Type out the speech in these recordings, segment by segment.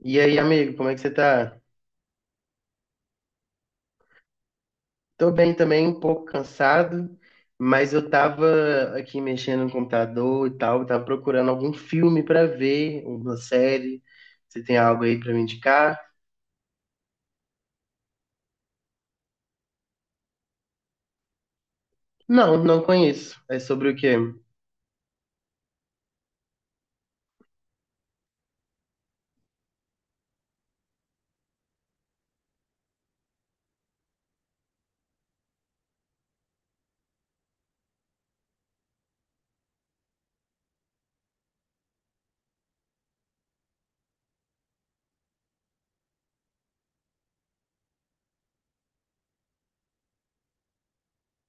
E aí, amigo, como é que você tá? Tô bem também, um pouco cansado, mas eu tava aqui mexendo no computador e tal, tava procurando algum filme pra ver, uma série. Você tem algo aí pra me indicar? Não, não conheço. É sobre o quê?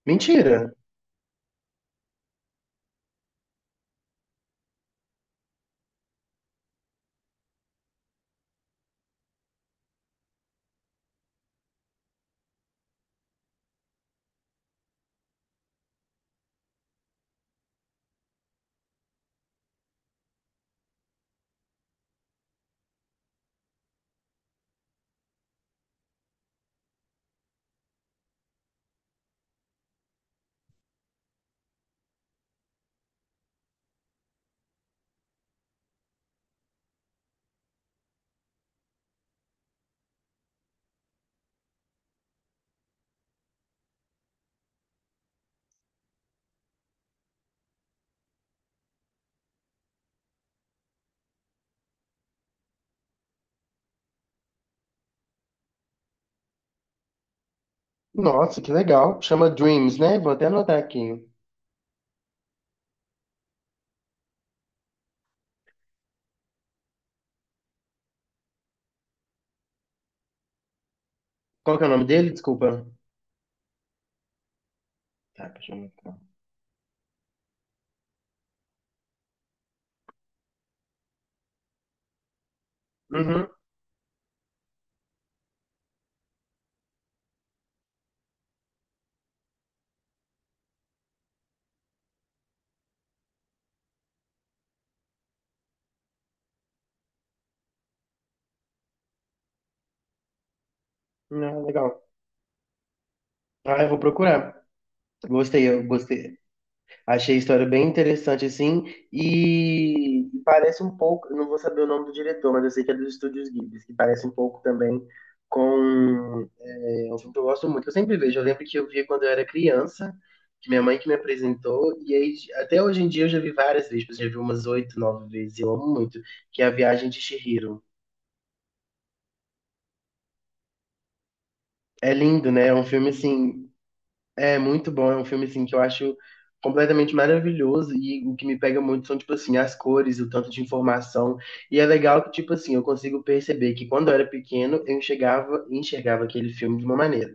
Mentira! Nossa, que legal. Chama Dreams, né? Vou até anotar aqui. Qual que é o nome dele? Desculpa. Tá, deixa eu anotar. Uhum. Não, legal. Ah, eu vou procurar. Gostei, eu gostei. Achei a história bem interessante, assim, e parece um pouco, eu não vou saber o nome do diretor, mas eu sei que é dos Estúdios Ghibli, que parece um pouco também com um filme que eu gosto muito. Que Eu sempre vejo, eu lembro que eu via quando eu era criança, que minha mãe que me apresentou, e aí, até hoje em dia eu já vi várias vezes, eu já vi umas oito, nove vezes, eu amo muito, que é A Viagem de Chihiro. É lindo, né? É um filme, assim, é muito bom, é um filme assim que eu acho completamente maravilhoso, e o que me pega muito são tipo assim as cores, o tanto de informação. E é legal que tipo assim, eu consigo perceber que quando eu era pequeno, eu enxergava, enxergava aquele filme de uma maneira.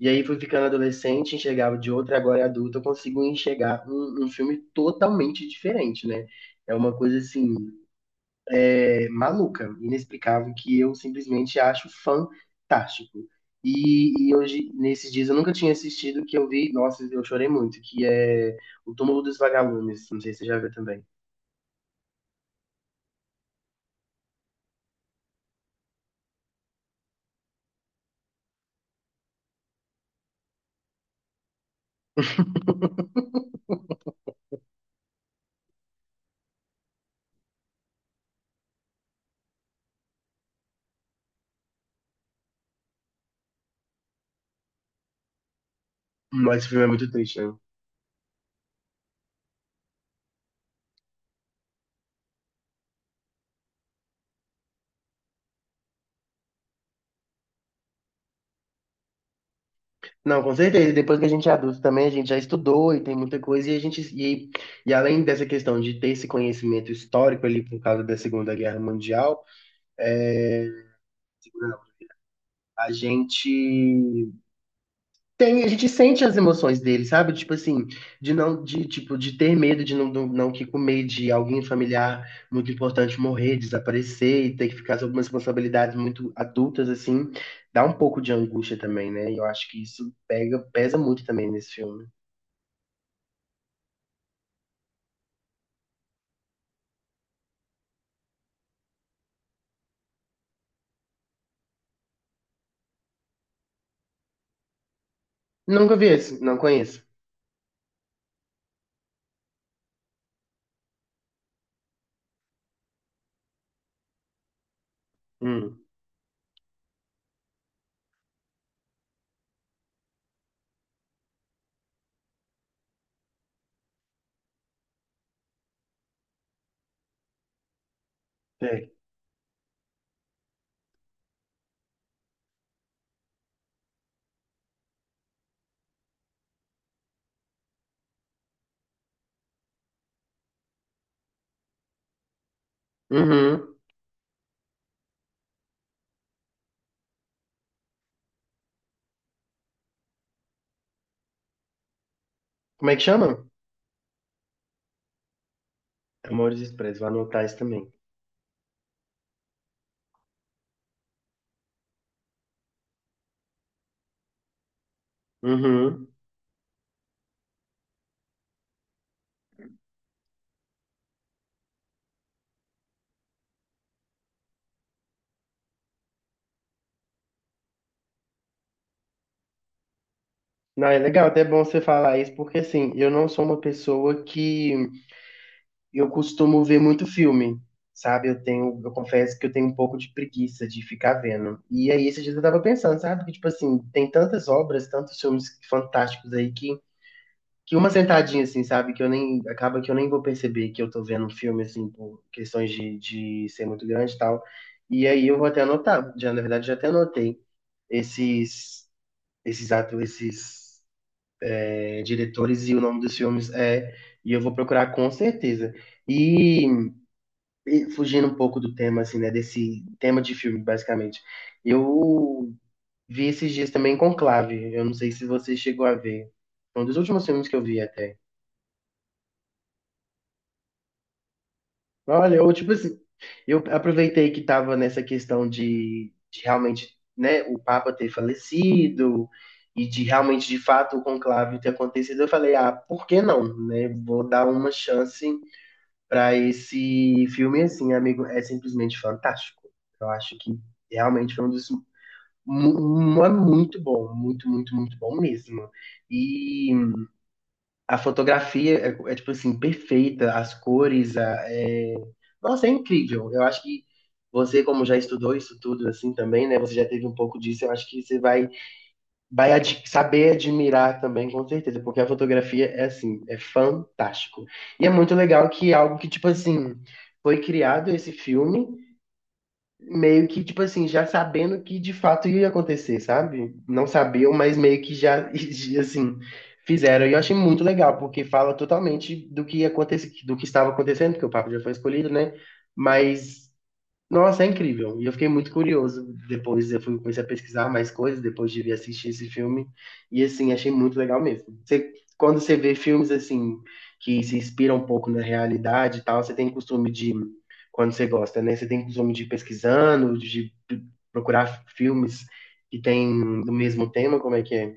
E aí fui ficando adolescente, enxergava de outra, agora adulto eu consigo enxergar um filme totalmente diferente, né? É uma coisa assim maluca, inexplicável, que eu simplesmente acho fantástico. E hoje, nesses dias, eu nunca tinha assistido, que eu vi, nossa, eu chorei muito, que é O Túmulo dos Vagalumes, não sei se você já viu também. Mas esse filme é muito triste, né? Não, com certeza, depois que a gente é adulto também, a gente já estudou e tem muita coisa, e além dessa questão de ter esse conhecimento histórico ali por causa da Segunda Guerra Mundial, é, a gente tem, a gente sente as emoções dele, sabe? Tipo assim, de não, de tipo, de ter medo de não, não, não que comer, de alguém familiar muito importante morrer, desaparecer e ter que ficar sob umas responsabilidades muito adultas assim, dá um pouco de angústia também, né? E eu acho que isso pega, pesa muito também nesse filme. Nunca vi esse, não conheço. Hum, sei. Uhum. Como é que chama? Amores Expressos, vou anotar isso também. Uhum. Não, é legal, até é bom você falar isso, porque assim, eu não sou uma pessoa que eu costumo ver muito filme, sabe? Eu tenho, eu confesso que eu tenho um pouco de preguiça de ficar vendo. E aí esses dias eu tava pensando, sabe? Que tipo assim, tem tantas obras, tantos filmes fantásticos aí que uma sentadinha assim, sabe? Que eu nem, acaba que eu nem vou perceber que eu tô vendo um filme assim, por questões de ser muito grande e tal. E aí eu vou até anotar, já, na verdade, já até anotei esses esses atores, esses diretores e o nome dos filmes é, e eu vou procurar com certeza. E e fugindo um pouco do tema, assim, né? Desse tema de filme, basicamente. Eu vi esses dias também Conclave. Eu não sei se você chegou a ver. Foi um dos últimos filmes que eu vi até. Olha, eu, tipo assim, eu aproveitei que tava nessa questão de realmente, né, o Papa ter falecido e de realmente, de fato, o conclave ter acontecido. Eu falei, ah, por que não, né? Vou dar uma chance para esse filme, assim, amigo. É simplesmente fantástico. Eu acho que realmente foi um dos é muito bom, muito, muito, muito bom mesmo. E a fotografia é tipo assim, perfeita, as cores, nossa, é incrível. Eu acho que você, como já estudou isso tudo assim também, né? Você já teve um pouco disso, eu acho que você vai saber admirar também, com certeza, porque a fotografia é assim, é fantástico. E é muito legal que é algo que, tipo assim, foi criado esse filme meio que, tipo assim, já sabendo que de fato ia acontecer, sabe? Não sabiam, mas meio que já, assim, fizeram. E eu achei muito legal, porque fala totalmente do que acontece, do que estava acontecendo, porque o Papa já foi escolhido, né? Mas nossa, é incrível. E eu fiquei muito curioso. Depois eu fui, comecei a pesquisar mais coisas, depois de vir assistir esse filme. E assim, achei muito legal mesmo. Você, quando você vê filmes assim que se inspiram um pouco na realidade e tal, você tem costume de, quando você gosta, né? Você tem costume de ir pesquisando, de procurar filmes que têm do mesmo tema, como é que é?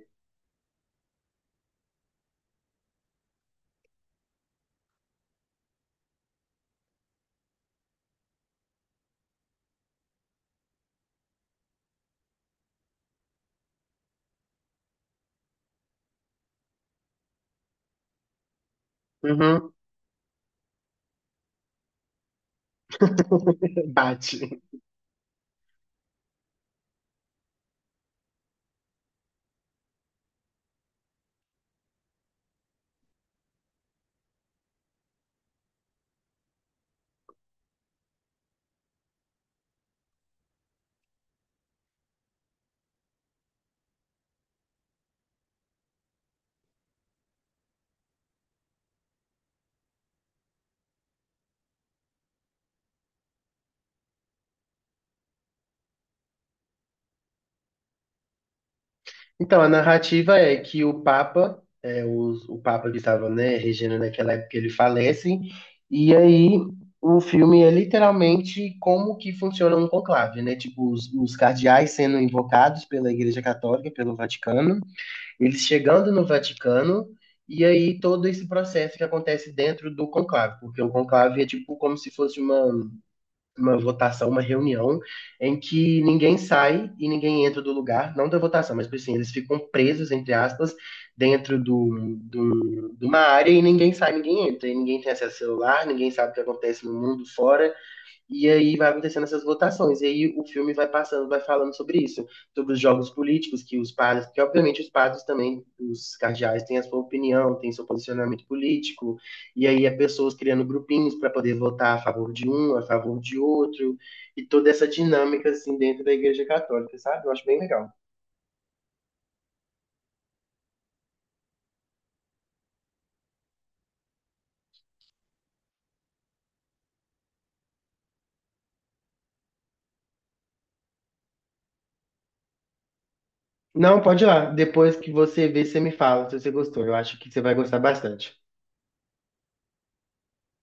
Uhum, bate. Então, a narrativa é que o Papa, o Papa que estava, né, regendo naquela época, ele falece, e aí o filme é literalmente como que funciona um conclave, né? Tipo, os cardeais sendo invocados pela Igreja Católica, pelo Vaticano, eles chegando no Vaticano, e aí todo esse processo que acontece dentro do conclave, porque o conclave é tipo como se fosse uma votação, uma reunião em que ninguém sai e ninguém entra do lugar, não da votação, mas assim, eles ficam presos, entre aspas, dentro de uma área, e ninguém sai, ninguém entra, e ninguém tem acesso ao celular, ninguém sabe o que acontece no mundo fora, e aí vai acontecendo essas votações, e aí o filme vai passando, vai falando sobre isso, sobre os jogos políticos que os padres, que obviamente os padres também, os cardeais têm a sua opinião, têm seu posicionamento político, e aí é pessoas criando grupinhos para poder votar a favor de um, a favor de outro, e toda essa dinâmica assim dentro da Igreja Católica, sabe? Eu acho bem legal. Não, pode ir lá, depois que você ver, você me fala se você gostou, eu acho que você vai gostar bastante.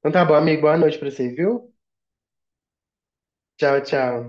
Então tá bom, amigo, boa noite pra você, viu? Tchau, tchau.